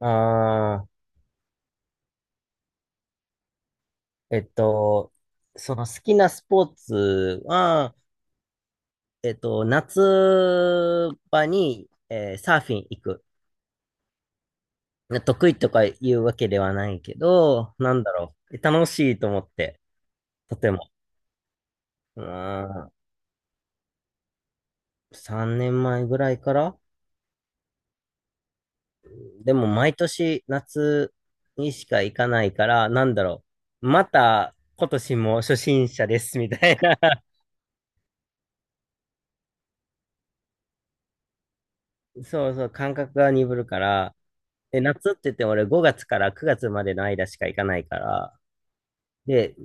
ああ、えっと、その好きなスポーツは、夏場に、サーフィン行く。ね得意とか言うわけではないけど、なんだろう。楽しいと思って、とても。うーん、3年前ぐらいからでも毎年夏にしか行かないから、なんだろう。また今年も初心者です、みたいな。そうそう、感覚が鈍るから、で、夏って言っても俺5月から9月までの間しか行かないから、で、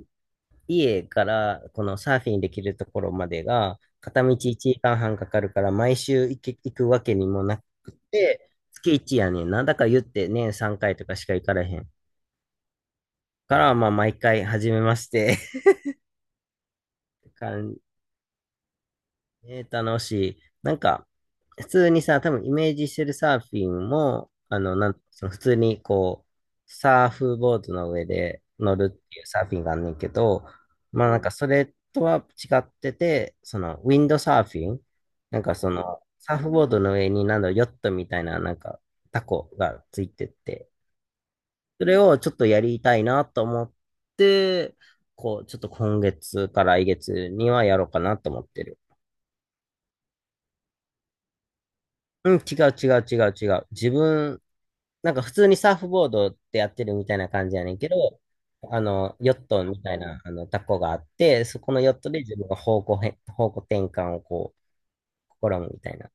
家からこのサーフィンできるところまでが片道1時間半かかるから毎週行くわけにもなくて、月1やねんな。だから言って年3回とかしか行かれへん。から、まあ毎回初めまして 感えー、楽しい。なんか、普通にさ、多分イメージしてるサーフィンも、その普通にこう、サーフボードの上で乗るっていうサーフィンがあんねんけど、まあなんかそれとは違ってて、そのウィンドサーフィン、なんかそのサーフボードの上になんだろう、ヨットみたいななんかタコがついてって、それをちょっとやりたいなと思って、こう、ちょっと今月か来月にはやろうかなと思ってる。うん、違う違う違う違う。自分、なんか普通にサーフボードってやってるみたいな感じやねんけど、あの、ヨットみたいな、あの、タコがあって、そこのヨットで自分が方向転換をこう、試むみたいな。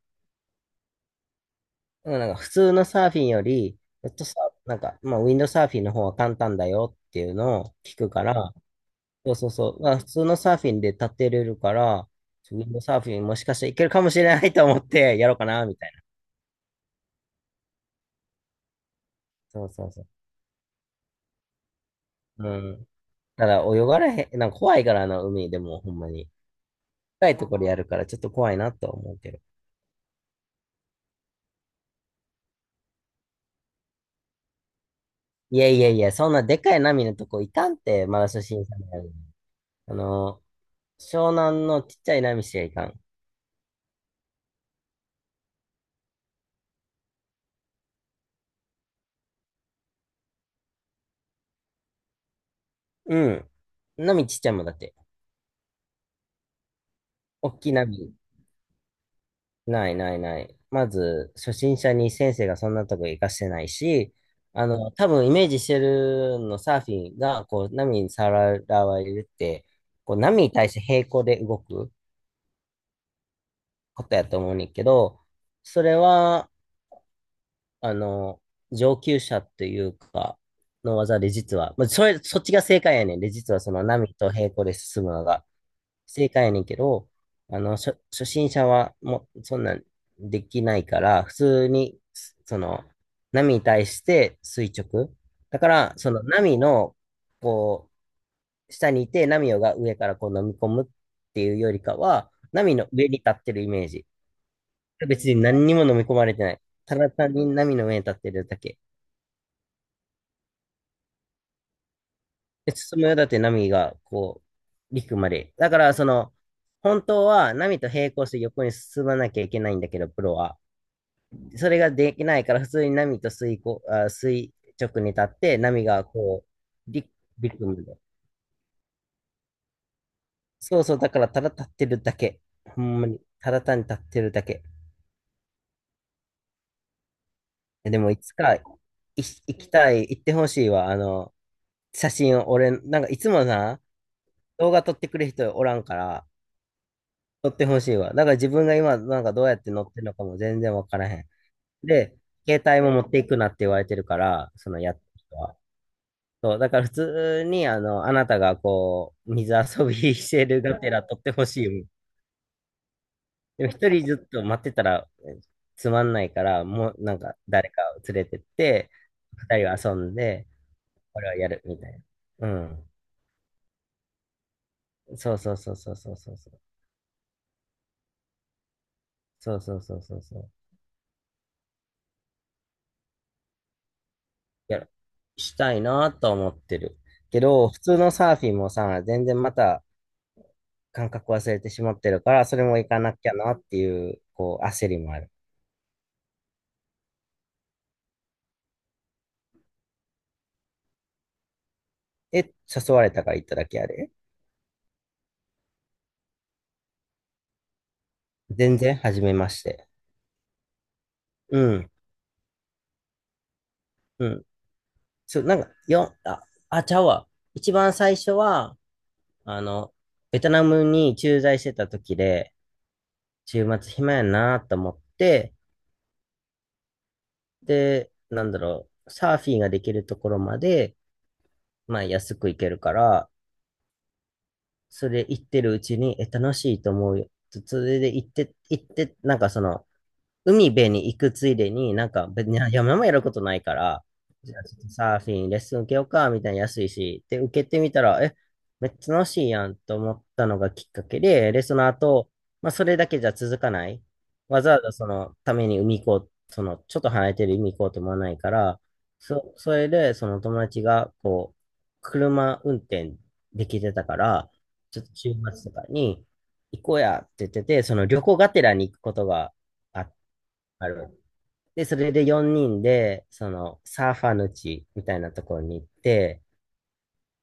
でもなんか普通のサーフィンより、ヨットサーフなんか、まあ、ウィンドサーフィンの方が簡単だよっていうのを聞くから、そうそうそう、まあ、普通のサーフィンで立てれるから、ウィンドサーフィンもしかしたらいけるかもしれないと思ってやろうかな、みたいな。そうそうそう。うん。ただ泳がれへん、なんか怖いからな、海でもほんまに。深いところやるからちょっと怖いなとは思うけど。いやいやいや、そんなでかい波のとこ行かんって、まだ初心者になる。あの、湘南のちっちゃい波しか行かん。うん。波ちっちゃいもんだって。大きい波。ないないない。まず、初心者に先生がそんなとこ行かせてないし、あの、多分イメージしてるのサーフィンが、こう、波にさらわれるって、こう、波に対して平行で動く。ことやと思うねんけど、それは、あの、上級者というか、の技で実は、まあ、そっちが正解やねんで、実はその波と平行で進むのが正解やねんけど、あの、初心者はもうそんなんできないから、普通に、その、波に対して垂直。だから、その波の、こう、下にいて、波が上からこう飲み込むっていうよりかは、波の上に立ってるイメージ。別に何にも飲み込まれてない。ただ単に波の上に立ってるだけ。で、進むよだって波がこう、陸まで。だから、その、本当は波と並行して横に進まなきゃいけないんだけど、プロは。それができないから、普通に波と垂こ、あ、垂直に立って、波がこう、陸まで。そうそう、だから、ただ立ってるだけ。ほんまに、ただ単に立ってるだけ。でも、いつか、行きたい、行ってほしいわ。あの、写真を、俺、なんかいつもな、動画撮ってくれる人おらんから、撮ってほしいわ。だから自分が今、なんかどうやって乗ってるのかも全然わからへん。で、携帯も持っていくなって言われてるから、そのやってる人は。そう、だから普通に、あの、あなたがこう、水遊びしてるがてら撮ってほしいよ。でも一人ずっと待ってたらえつまんないから、もうなんか誰かを連れてって、二人は遊んで、これはやるみたいな。うん。そうそうそうそうそうそうそう。そうそうそうそうそう。やるしたいなと思ってる。けど、普通のサーフィンもさ、全然また感覚忘れてしまってるから、それも行かなきゃなっていう、こう、焦りもある。え、誘われたから行っただけやで。全然、初めまして。うん、うん。そう、なんか、よ、あ、あ、ちゃうわ。一番最初は、あの、ベトナムに駐在してた時で、週末暇やなと思って、で、なんだろう、サーフィンができるところまで、まあ安く行けるから、それ行ってるうちに、楽しいと思うよ。それで行って、行って、なんかその、海辺に行くついでに、なんか別に山もやることないから、じゃあちょっとサーフィン、レッスン受けようか、みたいな安いし、で、受けてみたら、めっちゃ楽しいやんと思ったのがきっかけで、で、その後、まあそれだけじゃ続かない。わざわざそのために海行こう、その、ちょっと離れてる海行こうと思わないから、それで、その友達が、こう、車運転できてたから、ちょっと週末とかに行こうやって言ってて、その旅行がてらに行くことがあ、ある。で、それで4人で、そのサーファーの地みたいなところに行って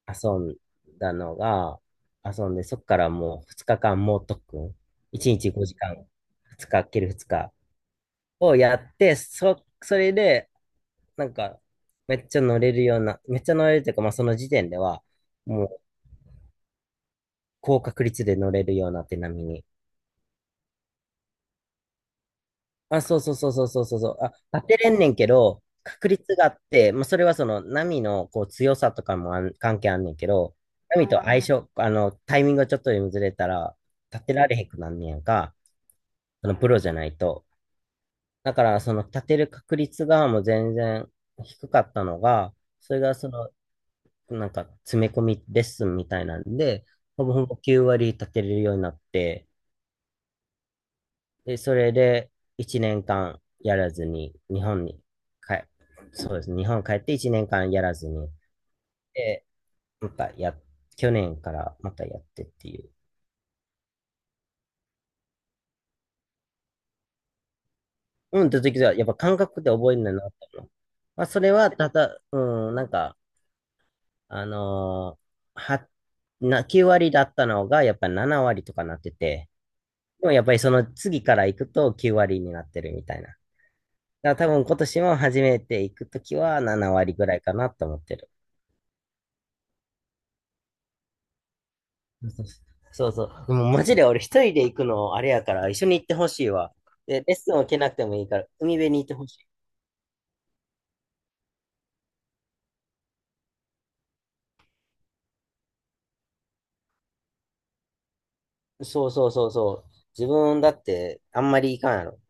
遊んだのが、遊んで、そこからもう2日間猛特訓。1日5時間、2日、ける2日をやって、それで、なんか、めっちゃ乗れるような、めっちゃ乗れるというか、まあその時点では、もう高確率で乗れるようになって波に。あ、そうそうそうそうそうそうそう。あ、立てれんねんけど、確率があって、まあ、それはその波のこう強さとかもあん関係あんねんけど、波と相性、あの、タイミングがちょっとでもずれたら、立てられへんくなんねやんか、そのプロじゃないと。だから、その立てる確率がもう全然低かったのが、それがその、なんか詰め込みレッスンみたいなんで、ほぼほぼ9割立てれるようになって、で、それで1年間やらずに、日本に帰、そうですね。日本帰って1年間やらずに、で、またや、去年からまたやってっていう。うん、と時は、やっぱ感覚で覚えるんだなって思う。まあ、それは、ただ、うん、なんか、あのーは、な、9割だったのが、やっぱり7割とかなってて、でもやっぱりその次から行くと9割になってるみたいな。だから多分今年も初めて行くときは7割ぐらいかなと思ってる。そうそうそう。でもマジで俺一人で行くのあれやから、一緒に行ってほしいわ。で、レッスンを受けなくてもいいから、海辺に行ってほしい。そうそうそうそう。自分だってあんまり行かんやろ。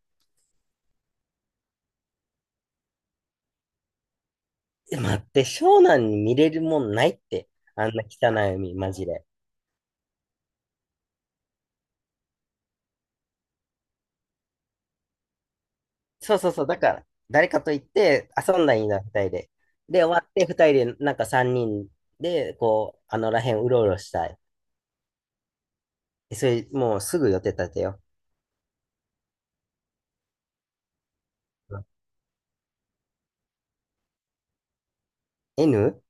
待って、湘南に見れるもんないって。あんな汚い海、マジで。そうそうそう。だから、誰かと行って遊んだらいいな、二人で。で、終わって二人で、なんか三人で、こう、あのらへんうろうろしたい。それ、もうすぐ予定立てよう。うん N?N?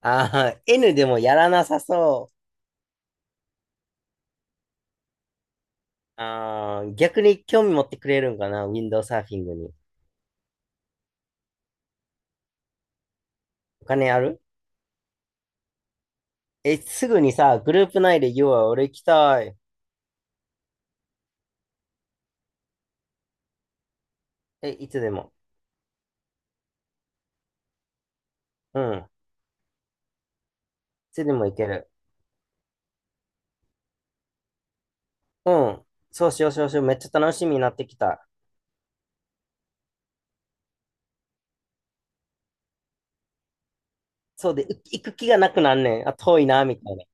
ああ、N でもやらなさそう。ああ、逆に興味持ってくれるんかな、ウィンドウサーフィングに。お金あるすぐにさ、グループ内で言おうよ、要は俺行きたい。え、いつでも。うん。いつでも行ける。うん。そうしよう、そうしよう。めっちゃ楽しみになってきた。そうで、う行く気がなくなんねん。あ、遠いな、みたいな。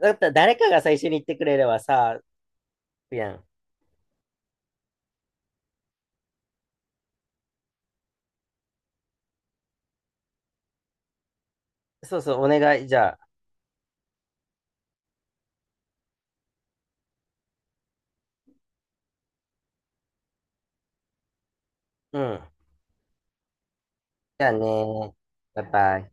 だったら誰かが最初に行ってくれればさ、いいやん。そうそう、お願い。じゃあ、うん。じゃあねバイバイ。